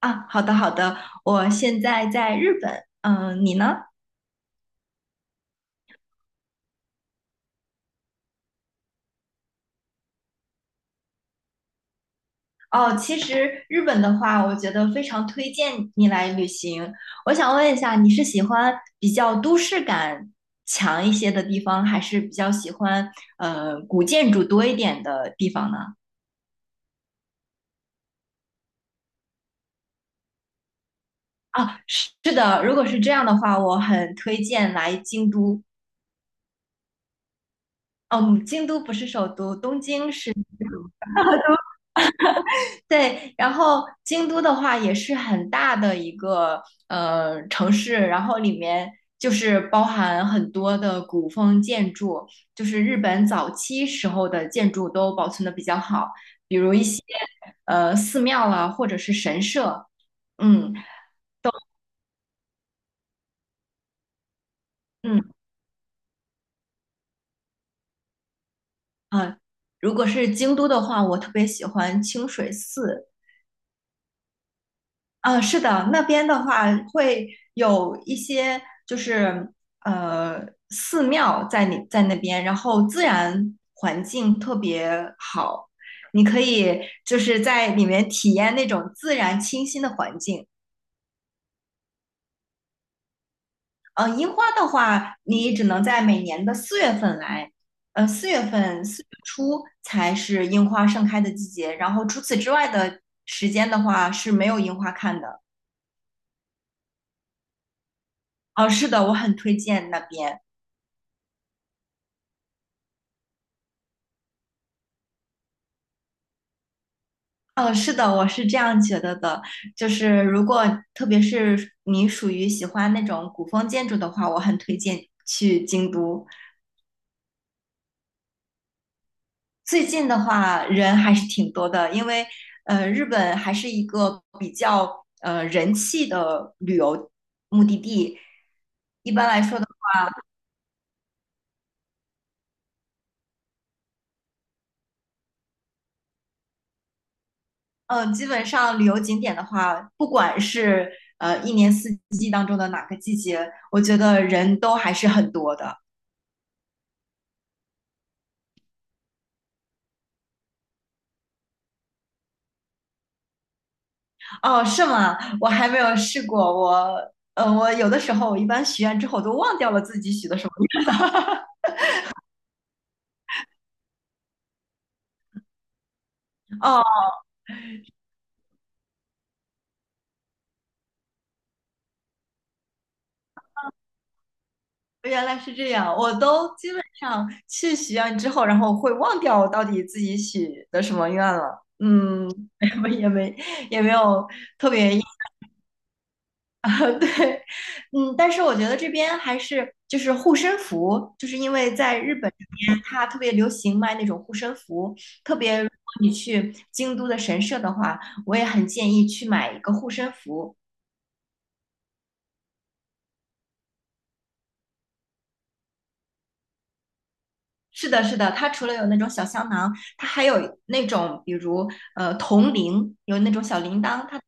啊，好的好的，我现在在日本，你呢？哦，其实日本的话，我觉得非常推荐你来旅行。我想问一下，你是喜欢比较都市感强一些的地方，还是比较喜欢古建筑多一点的地方呢？啊，是的，如果是这样的话，我很推荐来京都。哦，京都不是首都，东京是。对，然后京都的话也是很大的一个城市，然后里面就是包含很多的古风建筑，就是日本早期时候的建筑都保存的比较好，比如一些寺庙啦，或者是神社，嗯嗯啊，如果是京都的话，我特别喜欢清水寺，啊，是的，那边的话会有一些就是呃寺庙在你在那边，然后自然环境特别好，你可以就是在里面体验那种自然清新的环境。樱花的话，你只能在每年的四月份来，4月初才是樱花盛开的季节，然后除此之外的时间的话是没有樱花看的。哦，是的，我很推荐那边。是的，我是这样觉得的，就是如果特别是你属于喜欢那种古风建筑的话，我很推荐去京都。最近的话，人还是挺多的，因为日本还是一个比较人气的旅游目的地。一般来说的，基本上旅游景点的话，不管是一年四季当中的哪个季节，我觉得人都还是很多的。哦，是吗？我还没有试过。我有的时候我一般许愿之后都忘掉了自己许的什么愿。哦，原来是这样。我都基本上去许愿之后，然后会忘掉我到底自己许的什么愿了。嗯，也没也没也没有特别硬。对，但是我觉得这边还是就是护身符，就是因为在日本这边它特别流行卖那种护身符，特别如果你去京都的神社的话，我也很建议去买一个护身符，是的，是的，它除了有那种小香囊，它还有那种，比如铜铃，有那种小铃铛，它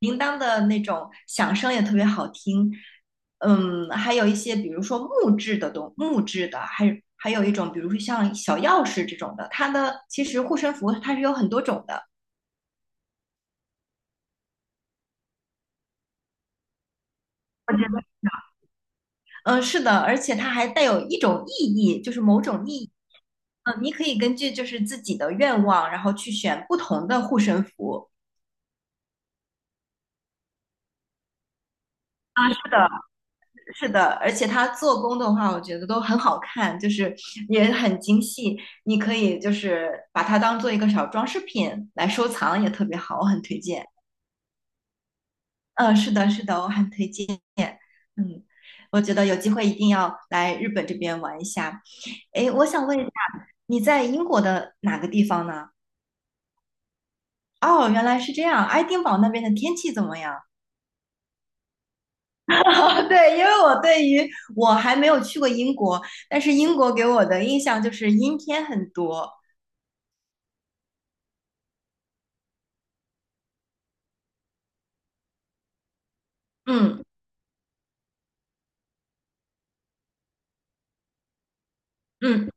铃铛的那种响声也特别好听。嗯，还有一些，比如说木质的东，木质的，还有一种，比如说像小钥匙这种的，它的其实护身符它是有很多种的。我觉得嗯，是的，而且它还带有一种意义，就是某种意义。你可以根据就是自己的愿望，然后去选不同的护身符。的。是的，而且它做工的话，我觉得都很好看，就是也很精细。你可以就是把它当做一个小装饰品来收藏，也特别好，我很推荐。嗯，是的，是的，我很推荐。嗯，我觉得有机会一定要来日本这边玩一下。诶，我想问一下，你在英国的哪个地方呢？哦，原来是这样。爱丁堡那边的天气怎么样？对，因为我对于我还没有去过英国，但是英国给我的印象就是阴天很多，嗯嗯，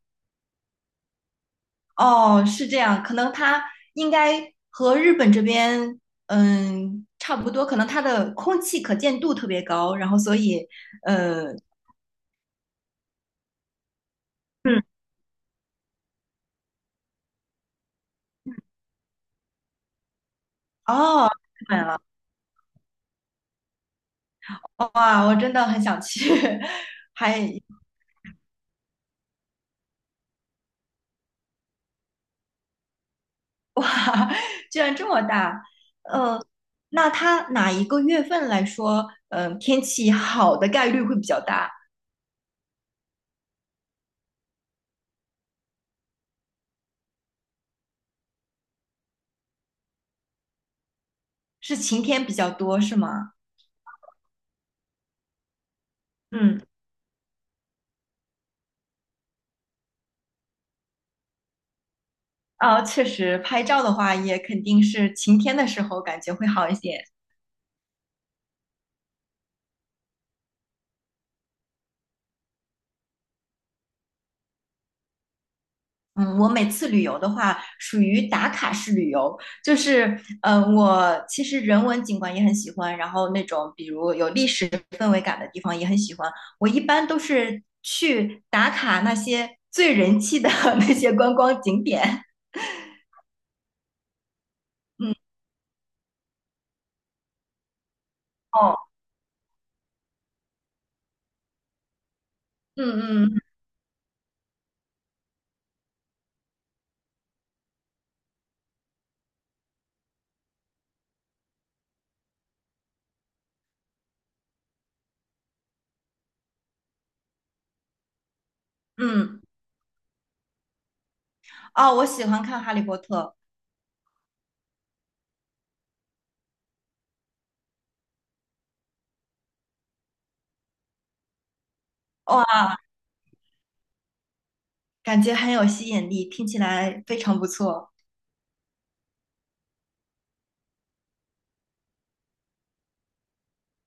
哦，是这样，可能它应该和日本这边，嗯，差不多，可能它的空气可见度特别高，然后所以，呃，嗯，哦，日本了，哇，我真的很想去，还，哇，居然这么大，呃，那它哪一个月份来说，天气好的概率会比较大？是晴天比较多，是吗？嗯。哦，确实，拍照的话也肯定是晴天的时候感觉会好一些。嗯，我每次旅游的话，属于打卡式旅游，就是我其实人文景观也很喜欢，然后那种比如有历史氛围感的地方也很喜欢。我一般都是去打卡那些最人气的 那些观光景点。嗯，哦，嗯嗯嗯，哦，我喜欢看《哈利波特》，哇，感觉很有吸引力，听起来非常不错。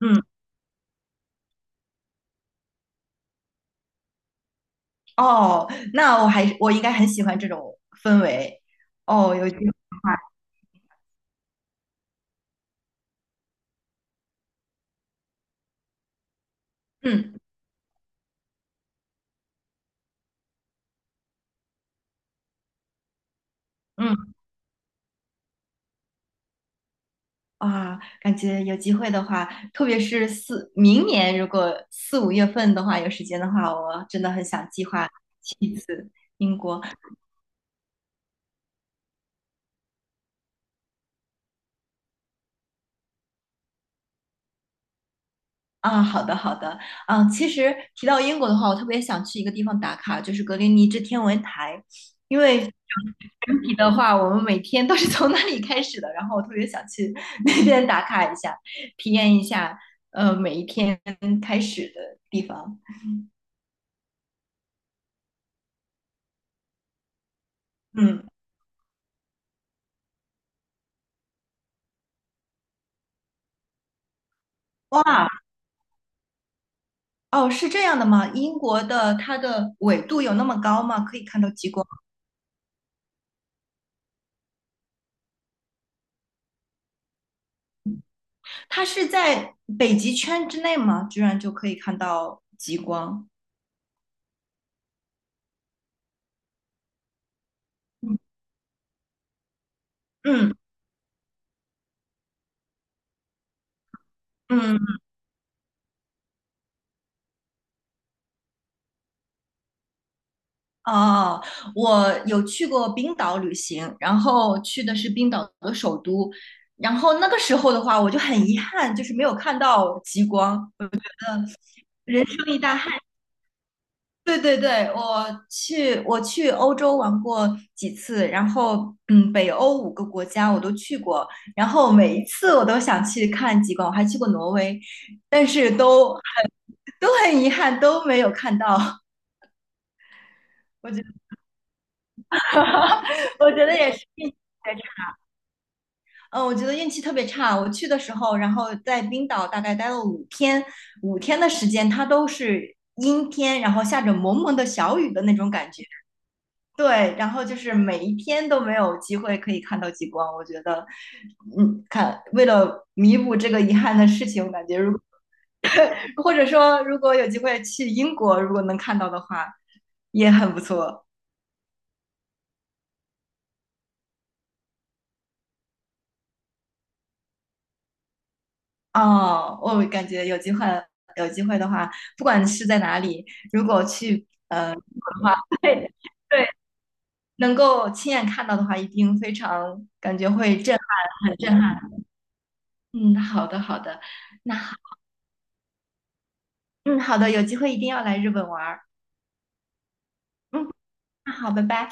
嗯。哦，那我应该很喜欢这种氛围。哦，有机会的话，嗯嗯感觉有机会的话，特别是明年如果4、5月份的话有时间的话，我真的很想计划去一次英国啊。好的好的，啊，其实提到英国的话，我特别想去一个地方打卡，就是格林尼治天文台，因为的话，我们每天都是从那里开始的。然后我特别想去那边打卡一下，体验一下，每一天开始的地方。嗯，哇，哦，是这样的吗？英国的它的纬度有那么高吗？可以看到极光？它是在北极圈之内吗？居然就可以看到极光？嗯嗯。嗯哦，我有去过冰岛旅行，然后去的是冰岛的首都，然后那个时候的话，我就很遗憾，就是没有看到极光，人生一大憾。对对对，我去欧洲玩过几次，然后北欧5个国家我都去过，然后每一次我都想去看极光，我还去过挪威，但是都很遗憾都没有看到，我觉得我觉得也是。嗯，我觉得运气特别差。我去的时候，然后在冰岛大概待了五天，五天的时间，它都是阴天，然后下着蒙蒙的小雨的那种感觉。对，然后就是每一天都没有机会可以看到极光。我觉得，为了弥补这个遗憾的事情，我感觉或者说如果有机会去英国，如果能看到的话，也很不错。哦，我感觉有机会，有机会的话，不管是在哪里，如果去中国的话，对对，能够亲眼看到的话，一定非常感觉会震撼，很震撼。嗯，好的好的，那嗯好的，有机会一定要来日本玩儿。嗯，那好，拜拜。